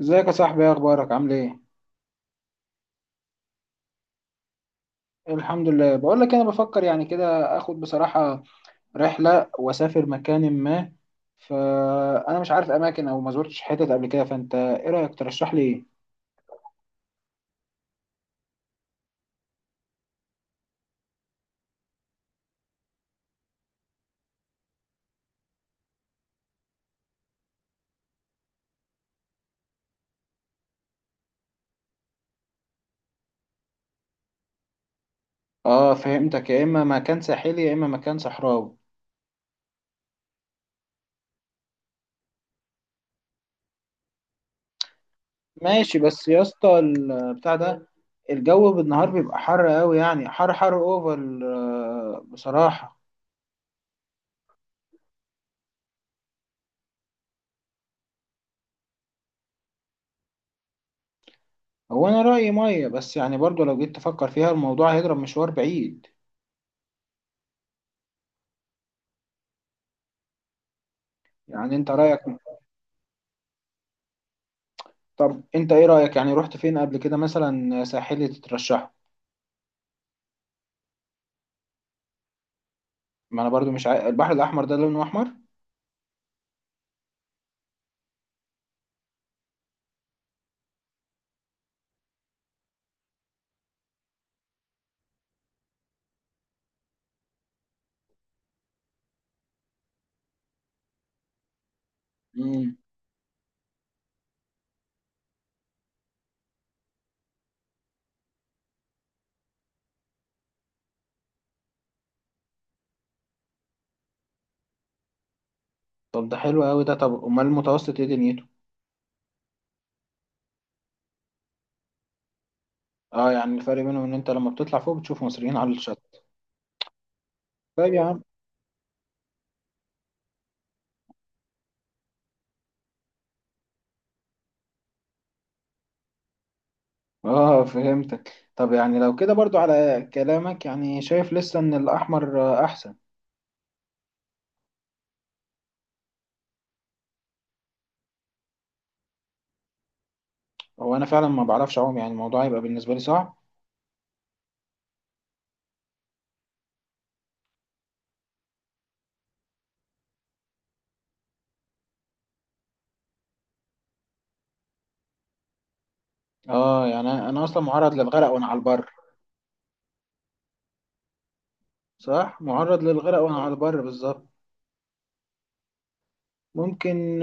ازيك يا صاحبي؟ ايه اخبارك؟ عامل ايه؟ الحمد لله. بقول لك، انا بفكر يعني كده اخد بصراحة رحلة واسافر مكان ما. فانا مش عارف اماكن او ما زرتش حتت قبل كده. فانت ايه رأيك؟ ترشح لي ايه؟ اه فهمتك. يا اما مكان ساحلي يا اما مكان صحراوي. ماشي، بس يا اسطى البتاع ده، الجو بالنهار بيبقى حر قوي، يعني حر حر اوفر، بصراحة. هو انا رأيي مية، بس يعني برضو لو جيت تفكر فيها الموضوع هيضرب مشوار بعيد. يعني انت رأيك؟ طب انت ايه رأيك؟ يعني رحت فين قبل كده مثلا؟ ساحلي تترشحه؟ ما انا برضو مش عارف. البحر الاحمر ده لونه احمر؟ امم طب ده حلو قوي ده. طب امال المتوسط ايه دنيته؟ اه، يعني الفرق بينهم ان انت لما بتطلع فوق بتشوف مصريين على الشط. طيب يا عم. اه فهمتك. طب يعني لو كده برضو على كلامك، يعني شايف لسه ان الاحمر احسن. هو انا فعلا ما بعرفش اعوم، يعني الموضوع هيبقى بالنسبة لي صعب. اه يعني انا اصلا معرض للغرق وانا على البر. صح، معرض للغرق وانا على البر بالظبط. ممكن.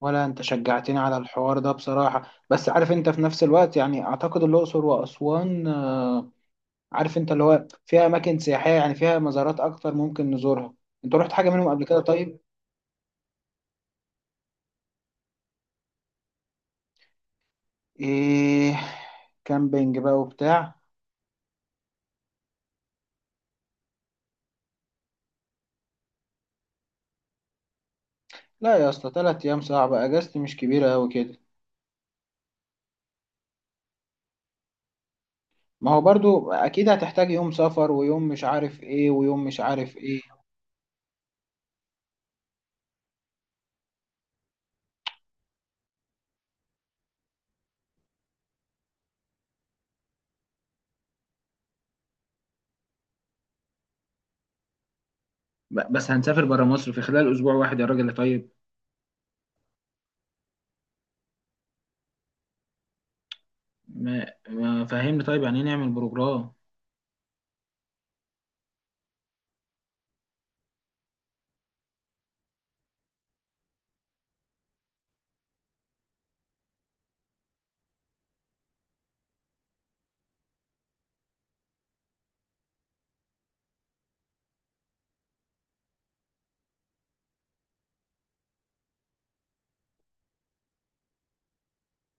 ولا انت شجعتني على الحوار ده بصراحة، بس عارف انت في نفس الوقت يعني اعتقد الاقصر واسوان، عارف انت اللي هو فيها اماكن سياحية، يعني فيها مزارات اكتر ممكن نزورها. انت رحت حاجة منهم قبل كده؟ طيب. ايه؟ كامبينج بقى وبتاع. لا يا اسطى، 3 ايام صعبة، اجازتي مش كبيرة اوي كده. ما هو برضو اكيد هتحتاج يوم سفر، ويوم مش عارف ايه، ويوم مش عارف ايه. بس هنسافر برا مصر في خلال اسبوع واحد يا راجل؟ طيب. ما فهمني طيب، يعني ايه نعمل بروجرام؟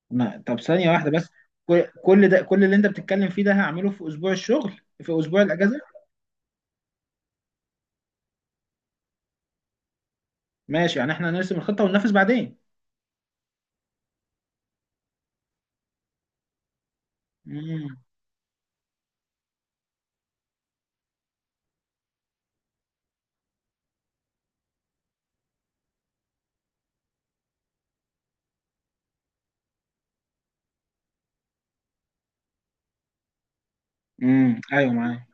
ما طب ثانية واحدة بس. كل ده، كل اللي انت بتتكلم فيه ده هعمله في اسبوع الشغل؟ في اسبوع الاجازة؟ ماشي، يعني احنا هنرسم الخطة وننفذ بعدين. امم ايوه، معايا.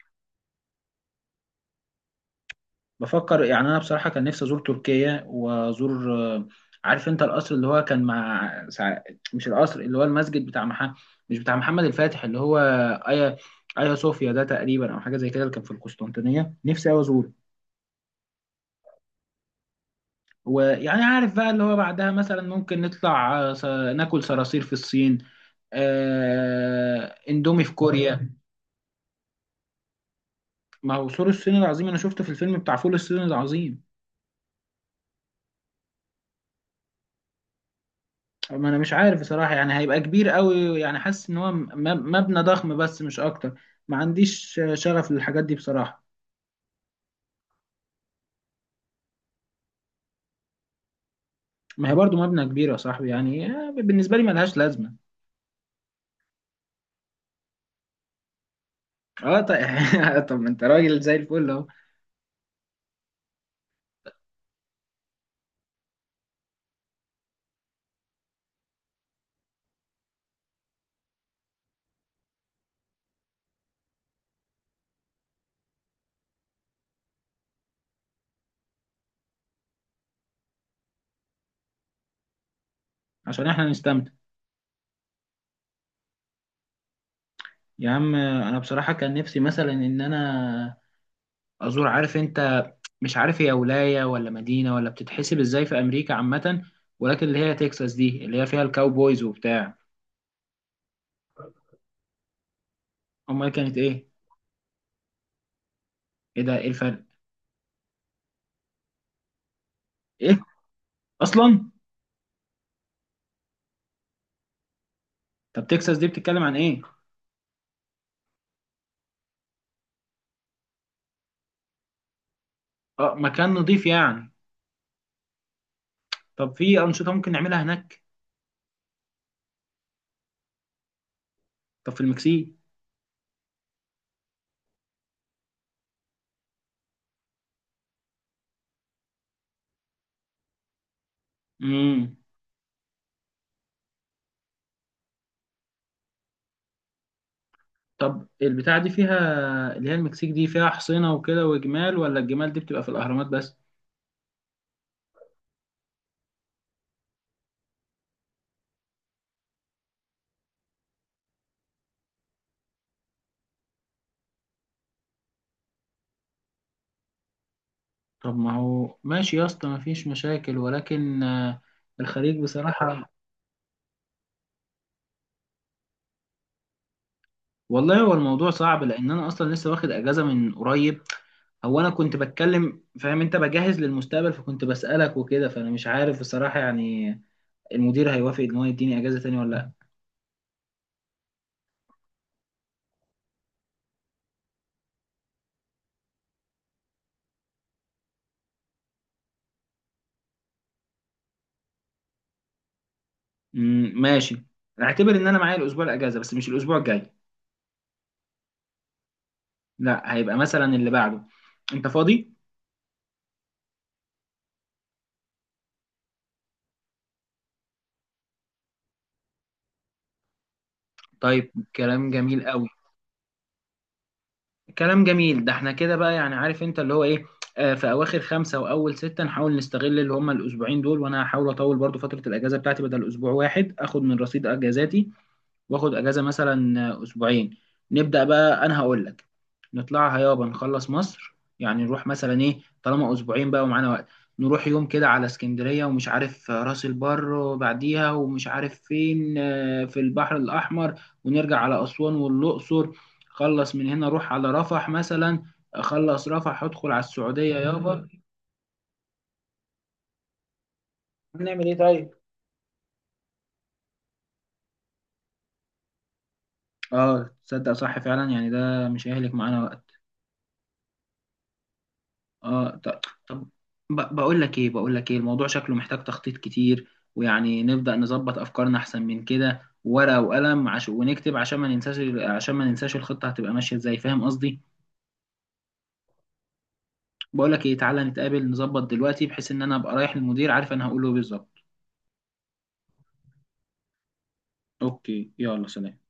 بفكر يعني، انا بصراحة كان نفسي ازور تركيا، وازور عارف انت، القصر اللي هو كان مع مش القصر، اللي هو المسجد بتاع محمد، مش بتاع محمد الفاتح، اللي هو ايا ايا صوفيا ده تقريبا، او حاجة زي كده، اللي كان في القسطنطينية. نفسي اوي ازوره. ويعني عارف بقى اللي هو بعدها مثلا ممكن نطلع، ناكل صراصير في الصين، اندومي في كوريا. ما هو سور الصين العظيم انا شفته في الفيلم بتاع فول الصين العظيم. ما انا مش عارف بصراحة، يعني هيبقى كبير قوي. يعني حاسس ان هو مبنى ضخم بس مش اكتر. ما عنديش شغف للحاجات دي بصراحة. ما هي برضو مبنى كبير يا صاحبي، يعني بالنسبة لي ملهاش لازمة. اه طيب. طب ما انت راجل زي الفل اهو. عشان احنا نستمتع. يا عم، انا بصراحة كان نفسي مثلا ان انا ازور، عارف انت، مش عارف هي ولايه ولا مدينه ولا بتتحسب ازاي في امريكا عامه، ولكن اللي هي تكساس دي اللي هي فيها الكاوبويز وبتاع. امال كانت ايه؟ ايه ده؟ ايه الفرق؟ ايه؟ اصلا؟ طب تكساس دي بتتكلم عن ايه؟ اه، مكان نضيف يعني. طب في انشطه ممكن نعملها هناك؟ طب في المكسيك؟ امم طب البتاعه دي فيها، اللي هي المكسيك دي، فيها حصينه وكده وجمال، ولا الجمال دي بتبقى في الاهرامات بس؟ طب ما هو ماشي يا اسطى، مفيش مشاكل، ولكن الخليج بصراحه. والله هو الموضوع صعب، لان انا اصلا لسه واخد اجازه من قريب. هو انا كنت بتكلم، فاهم، انت بجهز للمستقبل، فكنت بسالك وكده. فانا مش عارف بصراحه يعني المدير هيوافق ان هو يديني اجازه تاني ولا لا. أمم، ماشي. اعتبر ان انا معايا الاسبوع الاجازه، بس مش الاسبوع الجاي. لا، هيبقى مثلا اللي بعده. انت فاضي؟ طيب، كلام جميل قوي. كلام جميل. ده احنا كده بقى، يعني عارف انت اللي هو ايه، آه، في اواخر خمسة واول ستة نحاول نستغل اللي هما الاسبوعين دول. وانا هحاول اطول برضو فترة الاجازة بتاعتي، بدل اسبوع واحد اخد من رصيد اجازاتي واخد اجازه مثلا اسبوعين. نبدا بقى، انا هقول لك، نطلعها يابا، نخلص مصر. يعني نروح مثلا ايه، طالما اسبوعين بقى ومعانا وقت، نروح يوم كده على اسكندريه، ومش عارف راس البر، وبعديها ومش عارف فين، في البحر الاحمر. ونرجع على اسوان والاقصر. خلص من هنا روح على رفح مثلا. خلص رفح ادخل على السعوديه يابا. نعمل ايه طيب؟ اه تصدق، صح فعلا، يعني ده مش هيهلك معانا وقت. اه، طب. بقول لك ايه، الموضوع شكله محتاج تخطيط كتير. ويعني نبدأ نظبط افكارنا احسن من كده، ورقة وقلم، ونكتب عشان ما ننساش، عشان ما ننساش الخطة هتبقى ماشية ازاي، فاهم قصدي. بقول لك ايه، تعالى نتقابل نظبط دلوقتي، بحيث ان انا ابقى رايح للمدير عارف انا هقول له إيه بالظبط. اوكي، يلا سلام.